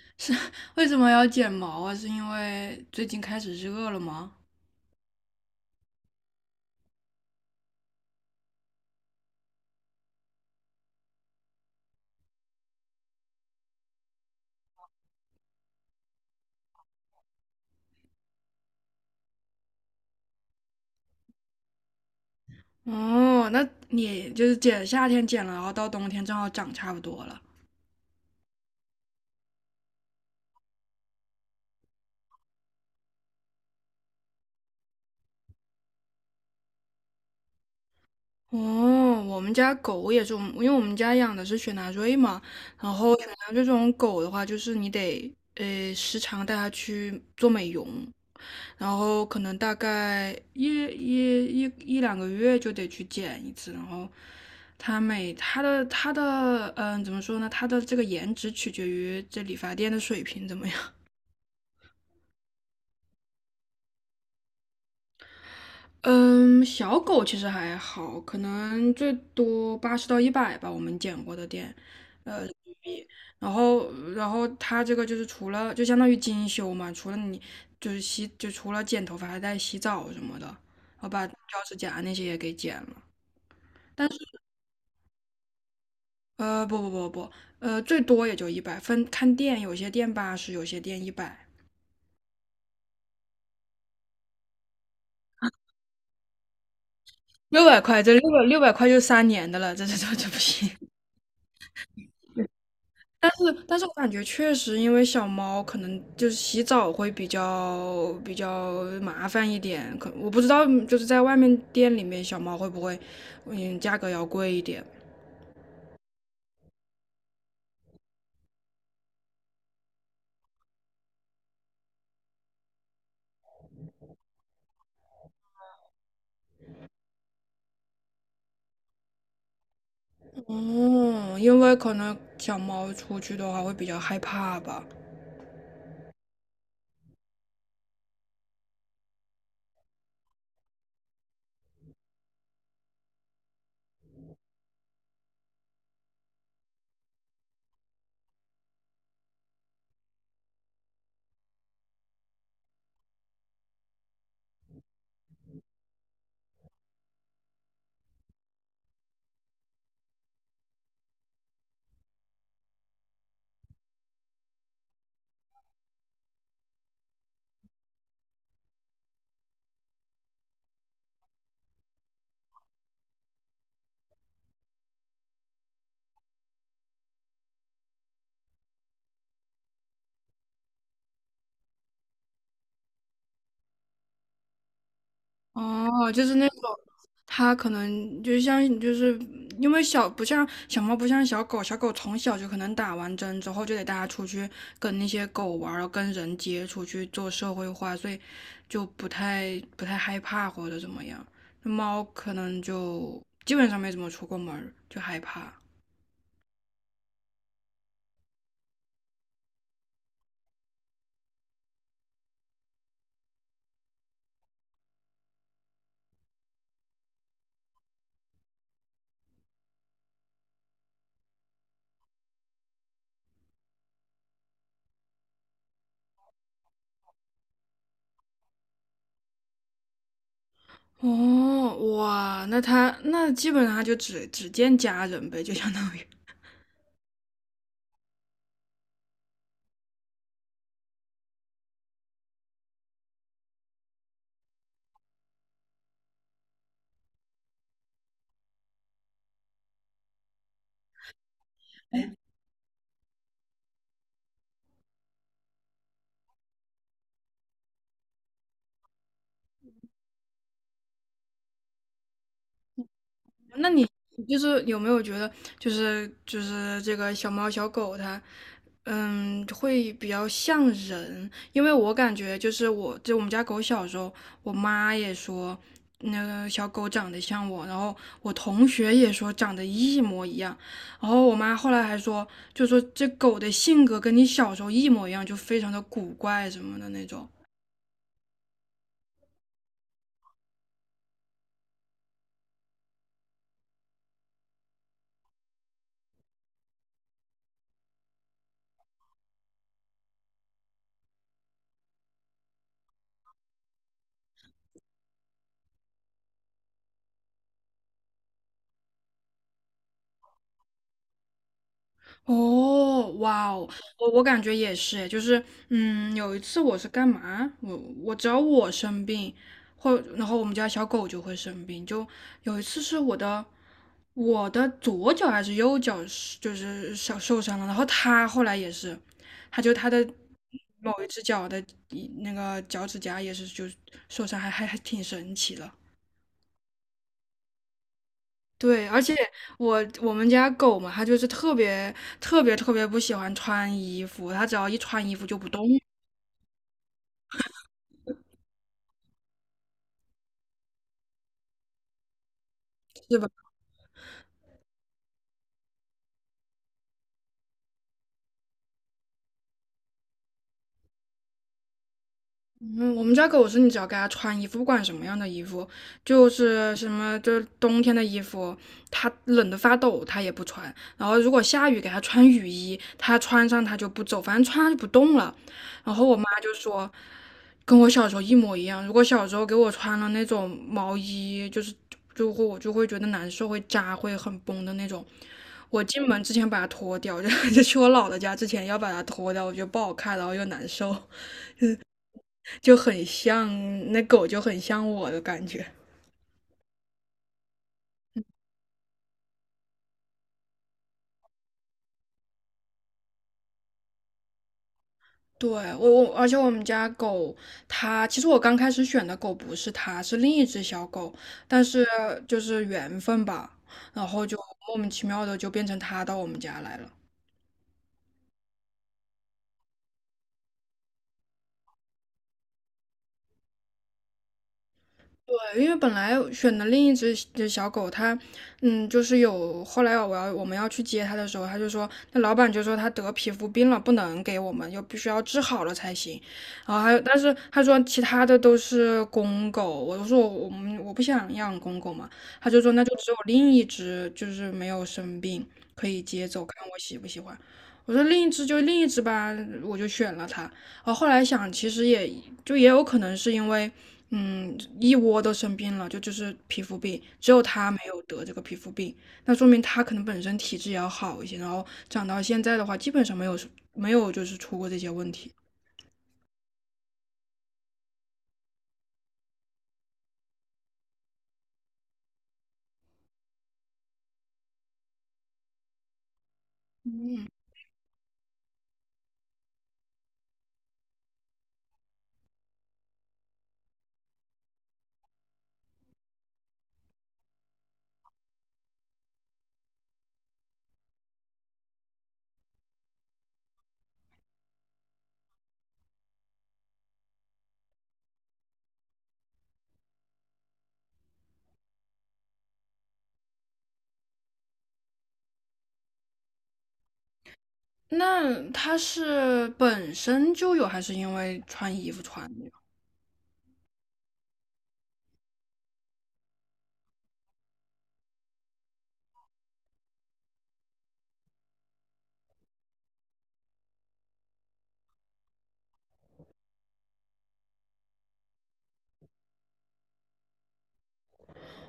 是。为什么要剪毛啊？是因为最近开始热了吗？哦，那你就是剪夏天剪了，然后到冬天正好长差不多了。哦，我们家狗也是，因为我们家养的是雪纳瑞嘛，然后雪纳瑞这种狗的话，就是你得时常带它去做美容，然后可能大概一两个月就得去剪一次，然后它每它的它的嗯、怎么说呢？它的这个颜值取决于这理发店的水平怎么样。嗯，小狗其实还好，可能最多80到100吧，我们剪过的店。呃，然后它这个就是除了就相当于精修嘛，除了你就是洗就除了剪头发，还带洗澡什么的，然后把脚趾甲那些也给剪了。不不不不，最多也就一百，分看店，有些店八十，有些店一百。六百块，这六百块就3年的了，这不行。但是我感觉确实，因为小猫可能就是洗澡会比较麻烦一点，可我不知道，就是在外面店里面小猫会不会，价格要贵一点。哦，因为可能小猫出去的话会比较害怕吧。哦，就是那种，它可能就像就是因为不像小猫不像小狗，小狗从小就可能打完针之后就得大家出去跟那些狗玩儿，然后跟人接触去做社会化，所以就不太害怕或者怎么样。那猫可能就基本上没怎么出过门儿，就害怕。哦，哇，那它那基本上它就只见家人呗，就相当于。那你就是有没有觉得，就是这个小猫小狗它，会比较像人？因为我感觉就是我，就我们家狗小时候，我妈也说那个小狗长得像我，然后我同学也说长得一模一样，然后我妈后来还说，就说这狗的性格跟你小时候一模一样，就非常的古怪什么的那种。哦，哇哦，我感觉也是诶，就是，有一次我是干嘛？我只要我生病，或然后我们家小狗就会生病，就有一次是我的左脚还是右脚是就是小受伤了，然后它后来也是，它的某一只脚的那个脚趾甲也是就受伤，还挺神奇的。对，而且我们家狗嘛，它就是特别特别特别不喜欢穿衣服，它只要一穿衣服就不动，对吧？嗯，我们家狗是你只要给它穿衣服，不管什么样的衣服，就是什么就是冬天的衣服，它冷得发抖，它也不穿。然后如果下雨给它穿雨衣，它穿上它就不走，反正穿上就不动了。然后我妈就说，跟我小时候一模一样。如果小时候给我穿了那种毛衣，就会觉得难受，会扎，会很崩的那种。我进门之前把它脱掉，就 就去我姥姥家之前要把它脱掉，我觉得不好看，然后又难受。就很像那狗，就很像我的感觉。对，而且我们家狗，它其实我刚开始选的狗不是它，是另一只小狗，但是就是缘分吧，然后就莫名其妙的就变成它到我们家来了。对，因为本来选的另一只小狗，它，就是后来我们要去接它的时候，它就说，那老板就说它得皮肤病了，不能给我们，又必须要治好了才行。然后还有，但是他说其他的都是公狗，我就说我们我不想养公狗嘛，他就说那就只有另一只就是没有生病可以接走，看我喜不喜欢。我说另一只就另一只吧，我就选了它。我后来想，其实也有可能是因为，一窝都生病了，就是皮肤病，只有他没有得这个皮肤病，那说明他可能本身体质也要好一些，然后长到现在的话，基本上没有就是出过这些问题。那他是本身就有，还是因为穿衣服穿的？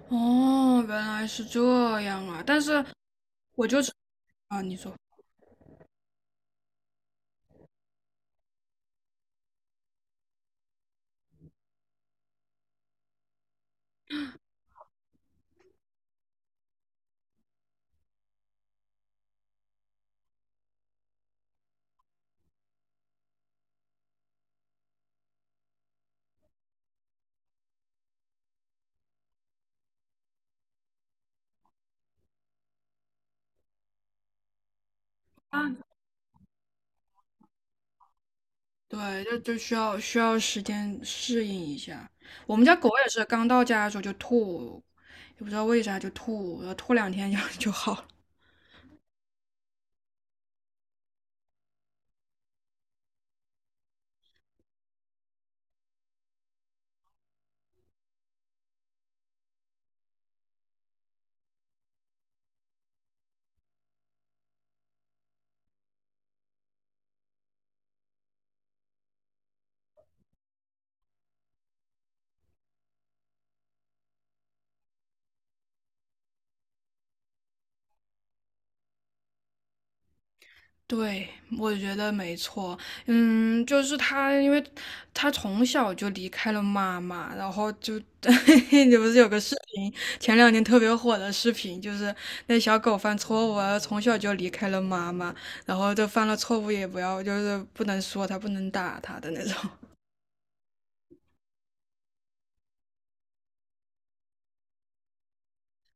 哦，原来是这样啊！但是我就是啊，你说啊，对，就需要时间适应一下。我们家狗也是刚到家的时候就吐，也不知道为啥就吐，然后吐两天就 就好了。对，我觉得没错。就是它，因为它从小就离开了妈妈，然后就，你不是有个视频，前两天特别火的视频，就是那小狗犯错误啊，从小就离开了妈妈，然后就犯了错误也不要，就是不能说它，不能打它的那种。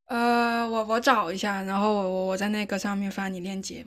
我找一下，然后我在那个上面发你链接。